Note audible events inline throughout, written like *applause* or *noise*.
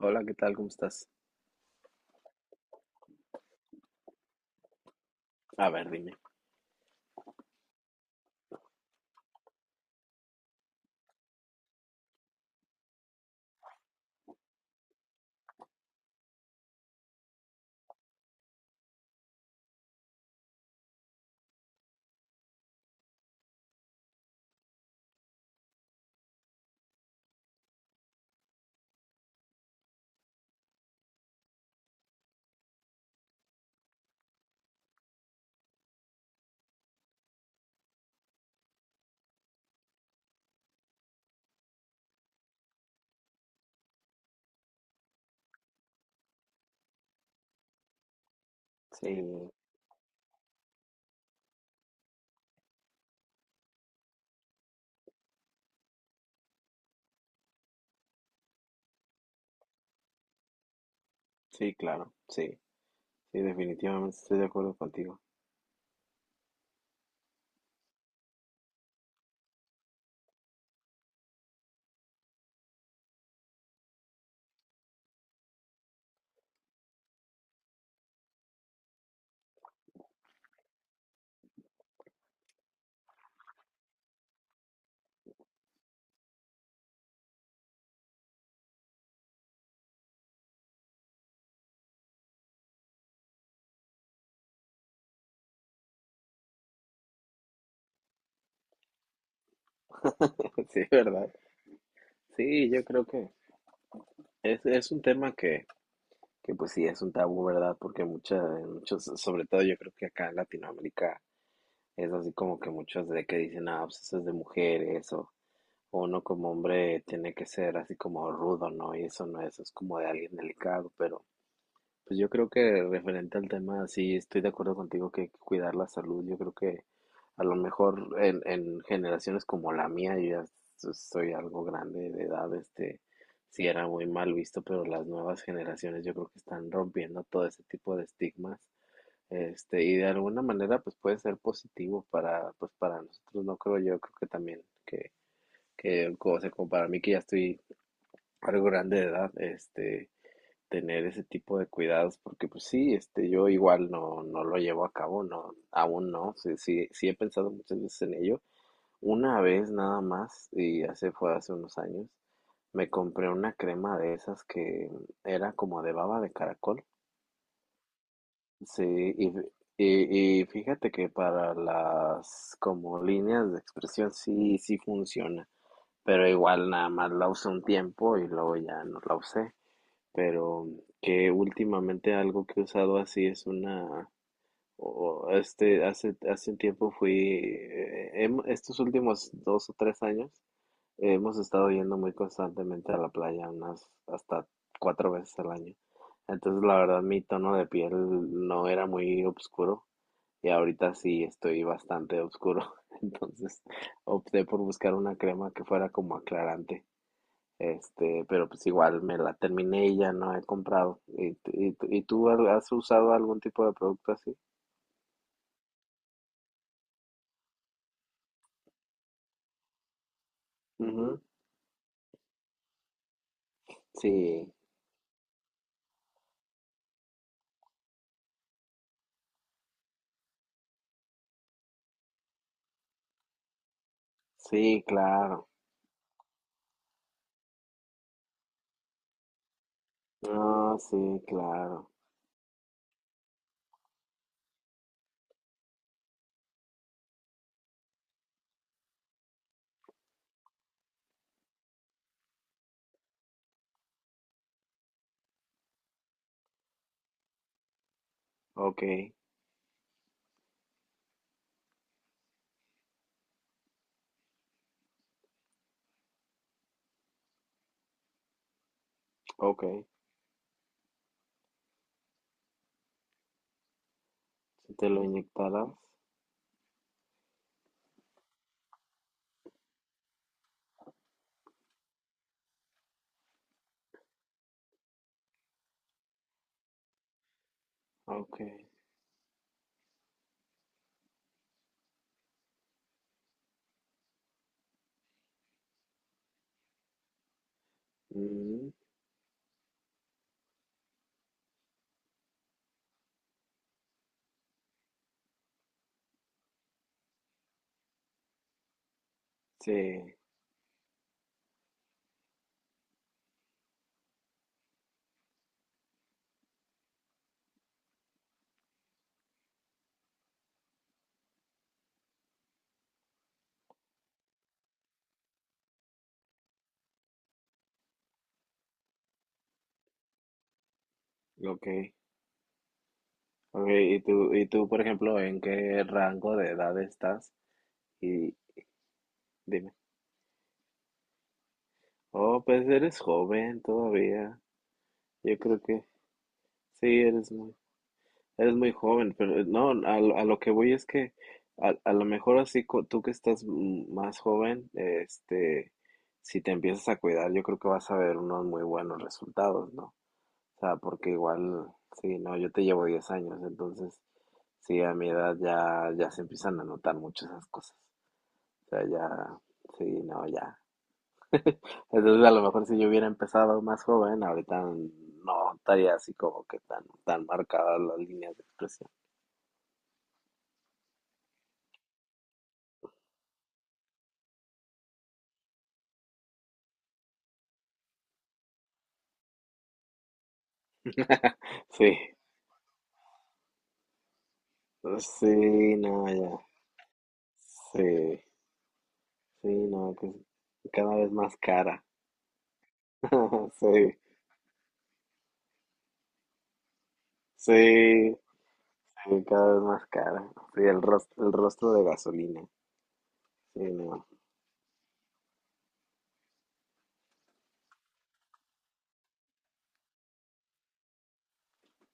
Hola, ¿qué tal? ¿Cómo estás? A ver, dime. Sí, sí, claro, sí, sí, definitivamente estoy de acuerdo contigo. *laughs* Sí, ¿verdad? Sí, yo creo que es un tema que pues sí, es un tabú, ¿verdad? Porque muchos, sobre todo yo creo que acá en Latinoamérica es así como que muchos de que dicen, ah, pues eso es de mujeres, o uno como hombre tiene que ser así como rudo, ¿no? Y eso no, eso es como de alguien delicado, pero pues yo creo que referente al tema, sí estoy de acuerdo contigo que hay que cuidar la salud. Yo creo que a lo mejor en, generaciones como la mía, yo ya soy algo grande de edad, sí era muy mal visto, pero las nuevas generaciones yo creo que están rompiendo todo ese tipo de estigmas, y de alguna manera pues puede ser positivo para, pues para nosotros, no creo yo, creo que también que como como para mí que ya estoy algo grande de edad, tener ese tipo de cuidados porque pues sí, yo igual no lo llevo a cabo, no, aún no, sí, sí, sí he pensado muchas veces en ello. Una vez nada más, y hace unos años, me compré una crema de esas que era como de baba de caracol. Sí, y, f- y fíjate que para las como líneas de expresión sí, sí funciona, pero igual nada más la usé un tiempo y luego ya no la usé, pero que últimamente algo que he usado así es una, o hace un tiempo fui, estos últimos 2 o 3 años, hemos estado yendo muy constantemente a la playa, unas hasta cuatro veces al año. Entonces, la verdad, mi tono de piel no era muy oscuro y ahorita sí estoy bastante oscuro. *laughs* Entonces, opté por buscar una crema que fuera como aclarante. Pero pues igual me la terminé y ya no he comprado. ¿Y tú has usado algún tipo de producto así? Ujú. Sí, sí, claro. Ah, sí, claro. Ok, ok. Si te lo inyectaras. Ok. Mm, sí, ok. Ok, ¿y tú, por ejemplo, en qué rango de edad estás? Y dime. Oh, pues eres joven todavía. Yo creo que sí, eres muy... Eres muy joven, pero no, a lo que voy es que a lo mejor así tú que estás más joven, si te empiezas a cuidar, yo creo que vas a ver unos muy buenos resultados, ¿no? O sea, porque igual, sí, no, yo te llevo 10 años, entonces, sí, a mi edad ya, se empiezan a notar mucho esas cosas. O sea, ya, sí, no, ya. Entonces, a lo mejor si yo hubiera empezado más joven, ahorita no estaría así como que tan, tan marcadas las líneas de expresión. Sí. Sí, no, ya. Sí, sí, no, que es cada vez más cara. *laughs* Sí, sí, sí, cada vez más cara. Sí, el rostro de gasolina. Sí, no.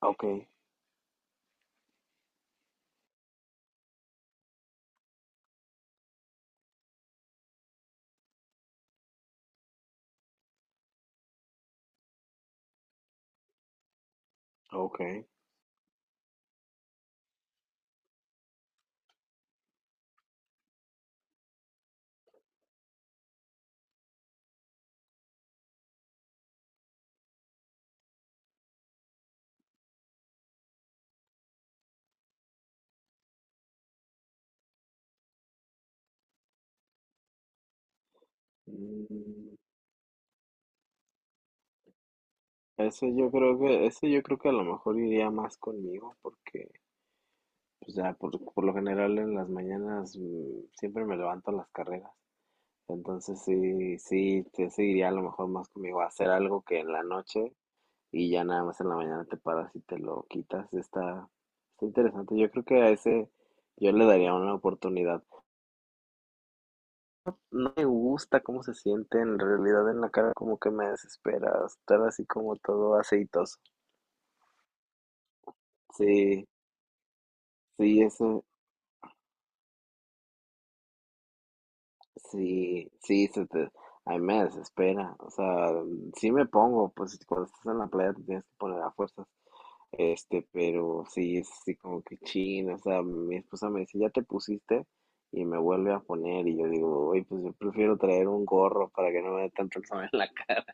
Ok, ok. Mm, eso yo creo que a lo mejor iría más conmigo porque pues ya, por lo general en las mañanas siempre me levanto a las carreras. Entonces sí, sí, sí iría a lo mejor más conmigo a hacer algo que en la noche, y ya nada más en la mañana te paras y te lo quitas. Está interesante. Yo creo que a ese yo le daría una oportunidad. No me gusta cómo se siente en realidad en la cara, como que me desespera estar así como todo aceitoso. Sí, sí, eso, sí, sí, a mí me desespera. O sea, sí me pongo, pues cuando estás en la playa te tienes que poner a fuerzas. Pero sí, es así como que chino, o sea, mi esposa me dice, ya te pusiste y me vuelve a poner y yo digo, oye, pues yo prefiero traer un gorro para que no me dé tanto el sol en la *laughs* cara.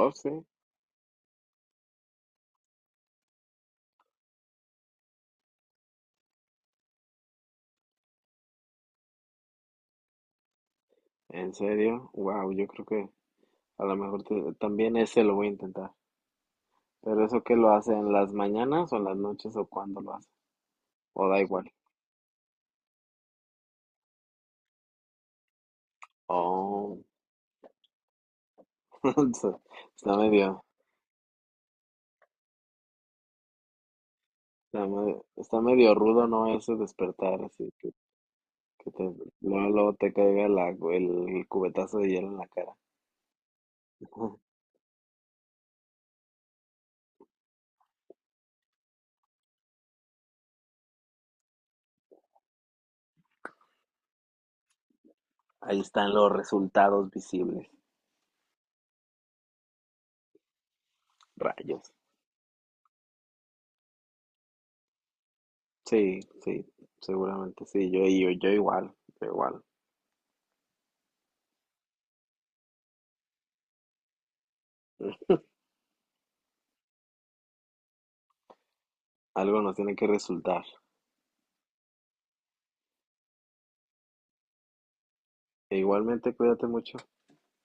No sé, en serio, wow, yo creo que a lo mejor también ese lo voy a intentar. Pero eso que lo hace en las mañanas o en las noches o cuándo lo hace, o da igual. Oh, *laughs* está medio, está medio rudo, ¿no? Ese despertar así. Que te, luego te caiga el cubetazo de hielo en la cara. *laughs* Ahí están los resultados visibles. Rayos. Sí, sí, seguramente sí. Yo igual, yo igual. Algo nos tiene que resultar. E igualmente, cuídate mucho.